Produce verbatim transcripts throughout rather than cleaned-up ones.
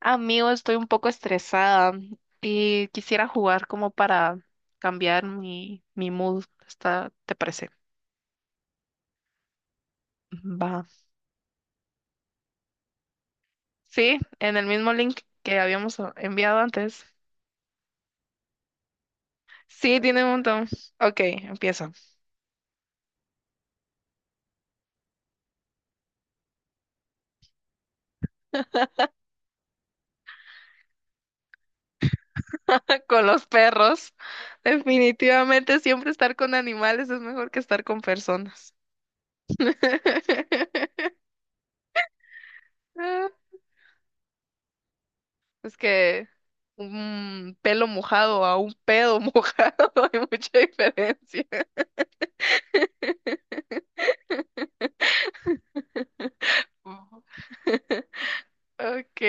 Amigo, estoy un poco estresada y quisiera jugar como para cambiar mi, mi mood. Está, ¿te parece? Va. Sí, en el mismo link que habíamos o- enviado antes. Sí, tiene un montón. Ok, empiezo. Con los perros. Definitivamente siempre estar con animales es mejor que estar con personas. Ah, es que un pelo mojado a un pedo mojado hay mucha diferencia. Ok.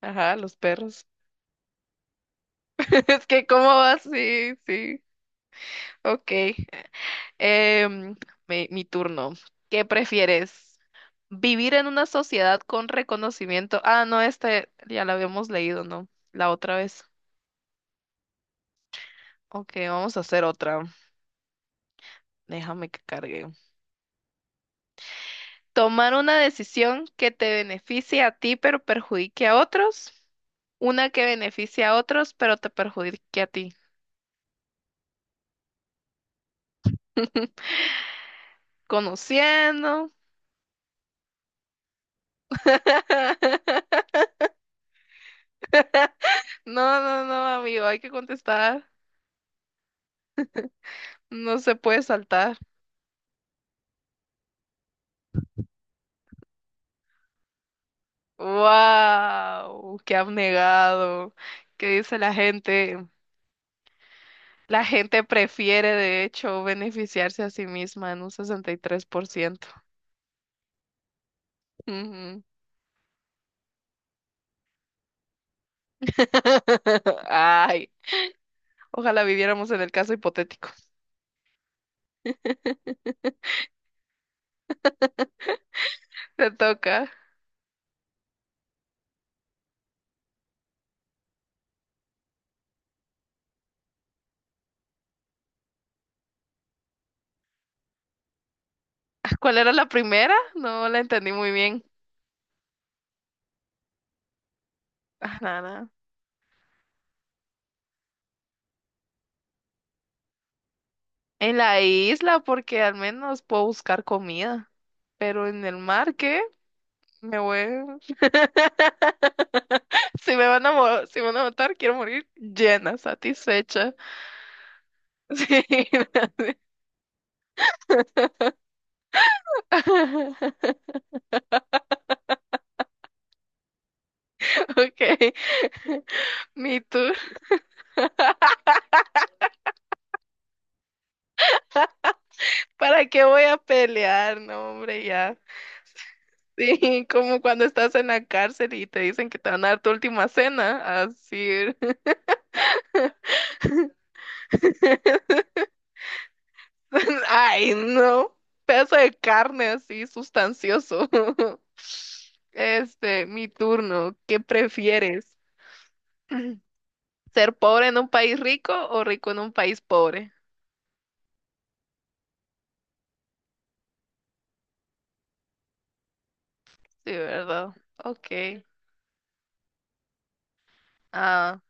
Ajá, los perros. Es que, ¿cómo va? Sí, sí. Ok. Em, mi, mi turno. ¿Qué prefieres? ¿Vivir en una sociedad con reconocimiento? Ah, no, este ya la habíamos leído, ¿no? La otra vez. Ok, vamos a hacer otra. Déjame que cargue. ¿Tomar una decisión que te beneficie a ti pero perjudique a otros? ¿Una que beneficie a otros pero te perjudique a ti? Conociendo. No, no, no, amigo, hay que contestar. No se puede saltar. ¡Wow! ¡Qué abnegado! ¿Qué dice la gente? La gente prefiere, de hecho, beneficiarse a sí misma en un sesenta y tres por ciento. Ujú. Ay, ojalá viviéramos en el caso hipotético. Te toca. ¿Cuál era la primera? No la entendí muy bien. Ah, nada. En la isla, porque al menos puedo buscar comida. Pero en el mar, ¿qué? Me voy. Si me van a, mo- si me van a matar, quiero morir llena, satisfecha. Sí. Ok, mi tour. ¿Para qué voy a pelear? No, hombre, ya. Sí, como cuando estás en la cárcel y te dicen que te van a dar tu última cena. Así. Ay, no. Pedazo de carne así, sustancioso. Este, mi turno. ¿Qué prefieres? ¿Ser pobre en un país rico o rico en un país pobre? Sí, ¿verdad? Ok. Ah.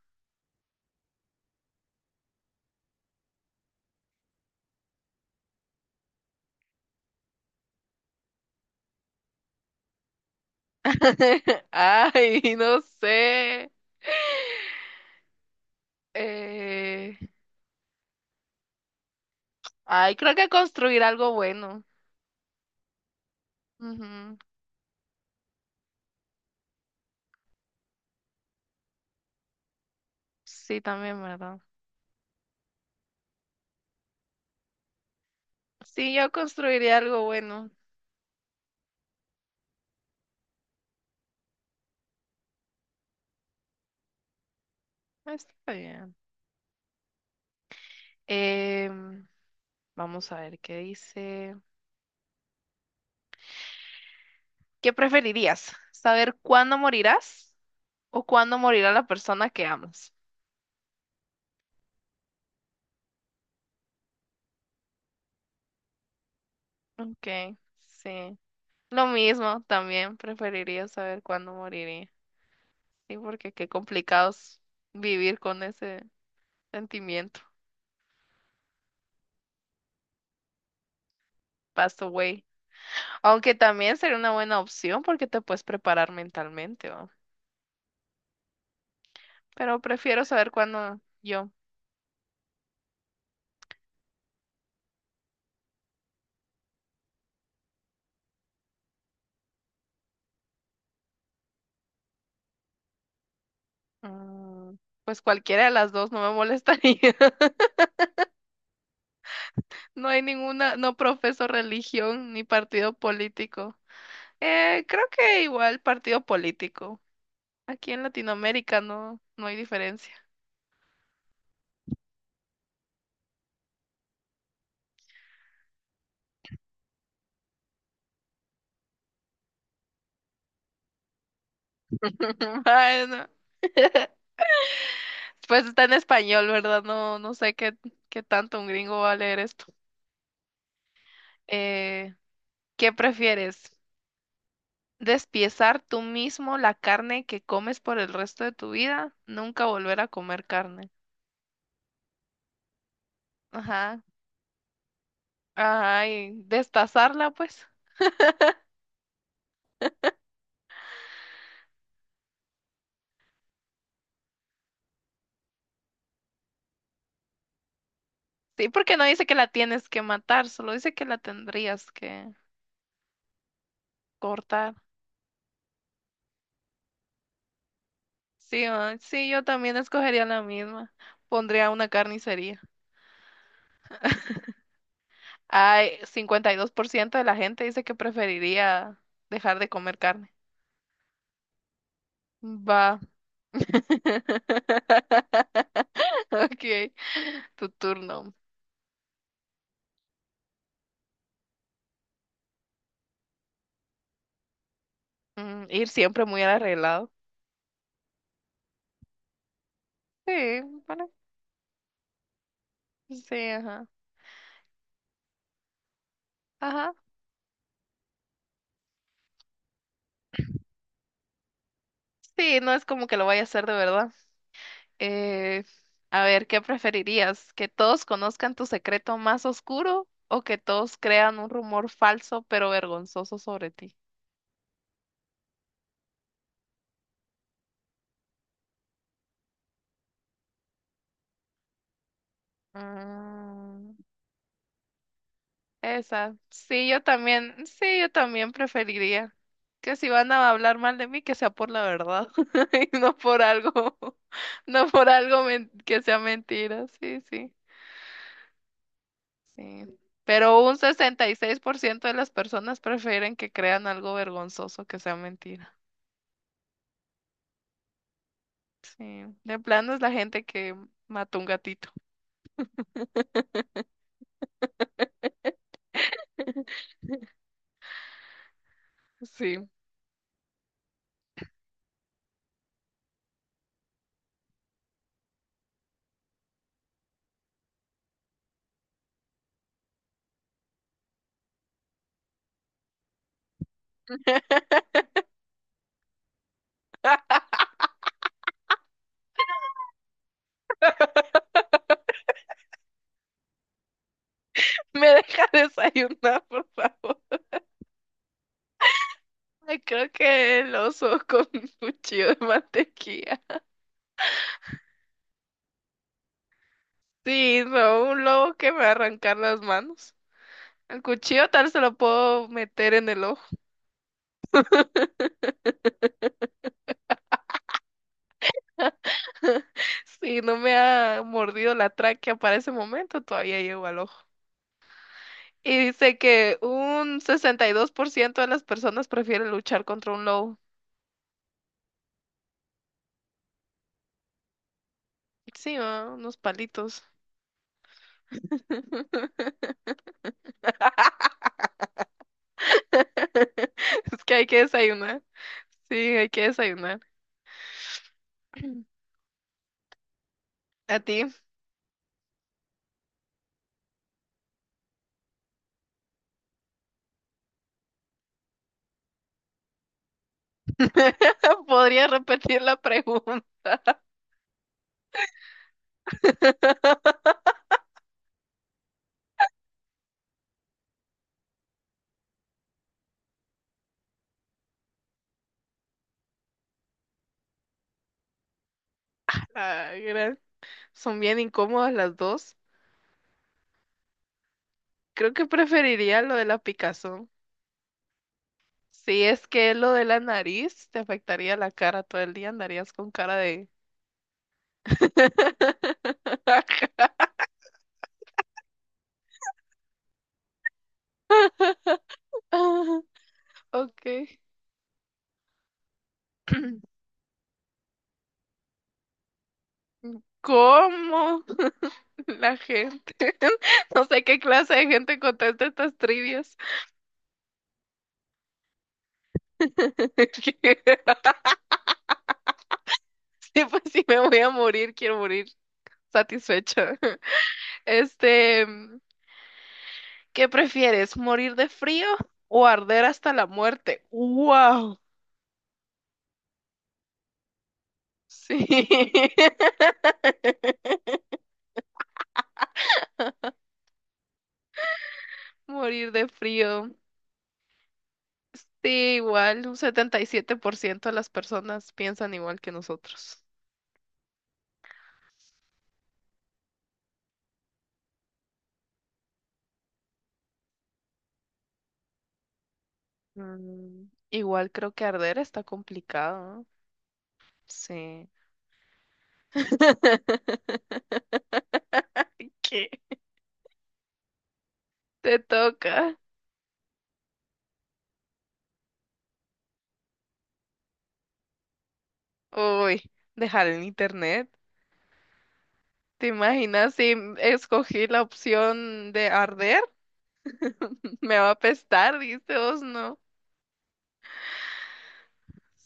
Ay, no sé. Eh, ay, creo que construir algo bueno. Ujú. Sí, también, ¿verdad? Sí, yo construiría algo bueno. Está bien. Em, vamos a ver qué dice. ¿Qué preferirías? ¿Saber cuándo morirás o cuándo morirá la persona que amas? Ok, sí. Lo mismo, también preferiría saber cuándo moriré. Sí, porque qué complicado es vivir con ese sentimiento. Passed away. Aunque también sería una buena opción porque te puedes preparar mentalmente, ¿va? Pero prefiero saber cuándo yo. Mm, pues cualquiera de las dos no me molestaría. No hay ninguna, no profeso religión ni partido político. Eh, creo que igual partido político. Aquí en Latinoamérica no, no hay diferencia. Bueno, pues está en español, ¿verdad? No, no sé qué, qué tanto un gringo va a leer esto. Eh, ¿qué prefieres? ¿Despiezar tú mismo la carne que comes por el resto de tu vida? Nunca volver a comer carne. Ajá. Ay, destazarla, pues. Sí, porque no dice que la tienes que matar, solo dice que la tendrías que cortar. Sí, ah, sí, yo también escogería la misma. Pondría una carnicería. Hay cincuenta y dos por ciento de la gente dice que preferiría dejar de comer carne. Va, ok, tu turno. Mm, ir siempre muy arreglado. Sí, bueno, sí, ajá. Ajá, sí, no es como que lo vaya a hacer de verdad. Eh, a ver, ¿qué preferirías? ¿Que todos conozcan tu secreto más oscuro o que todos crean un rumor falso pero vergonzoso sobre ti? Mm, Esa, sí, yo también, sí, yo también preferiría que si van a hablar mal de mí, que sea por la verdad y no por algo, no por algo men- que sea mentira, sí, sí, sí. Pero un sesenta y seis por ciento de las personas prefieren que crean algo vergonzoso que sea mentira. Sí, de plano es la gente que mató un gatito. Sí, me deja desayunar, por favor. Ay, creo que el oso con un cuchillo de mantequilla. Sí, no, un lobo que me va a arrancar las manos. El cuchillo tal se lo puedo meter en el ojo. Si no me ha mordido la tráquea para ese momento, todavía llego al ojo. Y dice que un sesenta y dos por ciento de las personas prefieren luchar contra un lobo. Sí, ah, unos palitos. Es que hay que desayunar. Sí, hay que desayunar. ¿A ti? ¿Podría repetir la pregunta? Ay, gra- son bien incómodas las dos. Creo que preferiría lo de la picazón. Sí, es que lo de la nariz te afectaría la cara todo el día, andarías con cara de... Ah, ok. ¿Cómo la gente? No sé qué clase de gente contesta estas trivias. Sí, pues si me voy a morir, quiero morir satisfecha. Este, mm, ¿qué prefieres? ¿Morir de frío o arder hasta la muerte? ¡Wow! Sí, morir de frío. Sí, igual, un setenta y siete por ciento de las personas piensan igual que nosotros. Mm, igual creo que arder está complicado, ¿no? Sí. ¿Qué? Te toca. Uy, dejar el internet. ¿Te imaginas si m- escogí la opción de arder? Me va a apestar, dice vos, no.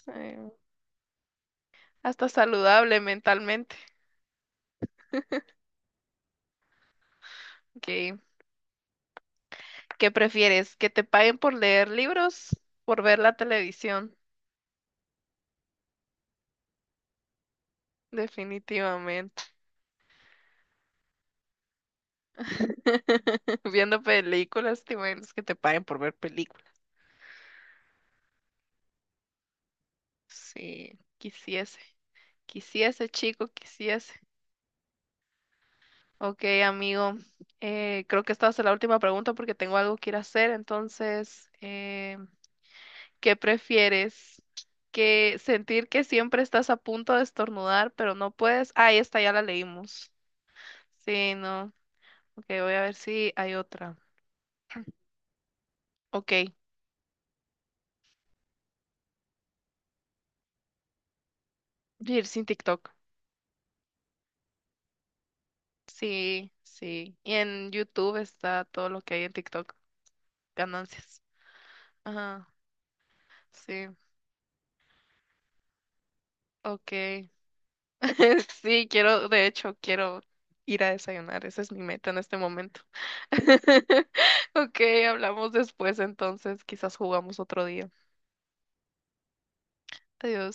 Sí. Hasta saludable mentalmente. Ok. ¿Qué prefieres? ¿Que te paguen por leer libros? ¿Por ver la televisión? Definitivamente. Viendo películas, te imaginas que te paguen por ver películas. Sí, quisiese, quisiese, chico, quisiese. Ok, amigo, eh, creo que esta va a ser la última pregunta porque tengo algo que ir a hacer. Entonces, eh, ¿qué prefieres? ¿Que sentir que siempre estás a punto de estornudar, pero no puedes? Ah, esta ya la leímos. Sí, no. Ok, voy a ver si hay otra. Ok, vivir sin TikTok. Sí, sí. Y en YouTube está todo lo que hay en TikTok, ganancias. Ajá, sí, ok. Sí, quiero, de hecho, quiero ir a desayunar. Esa es mi meta en este momento. Ok, hablamos después entonces, quizás jugamos otro día. Adiós.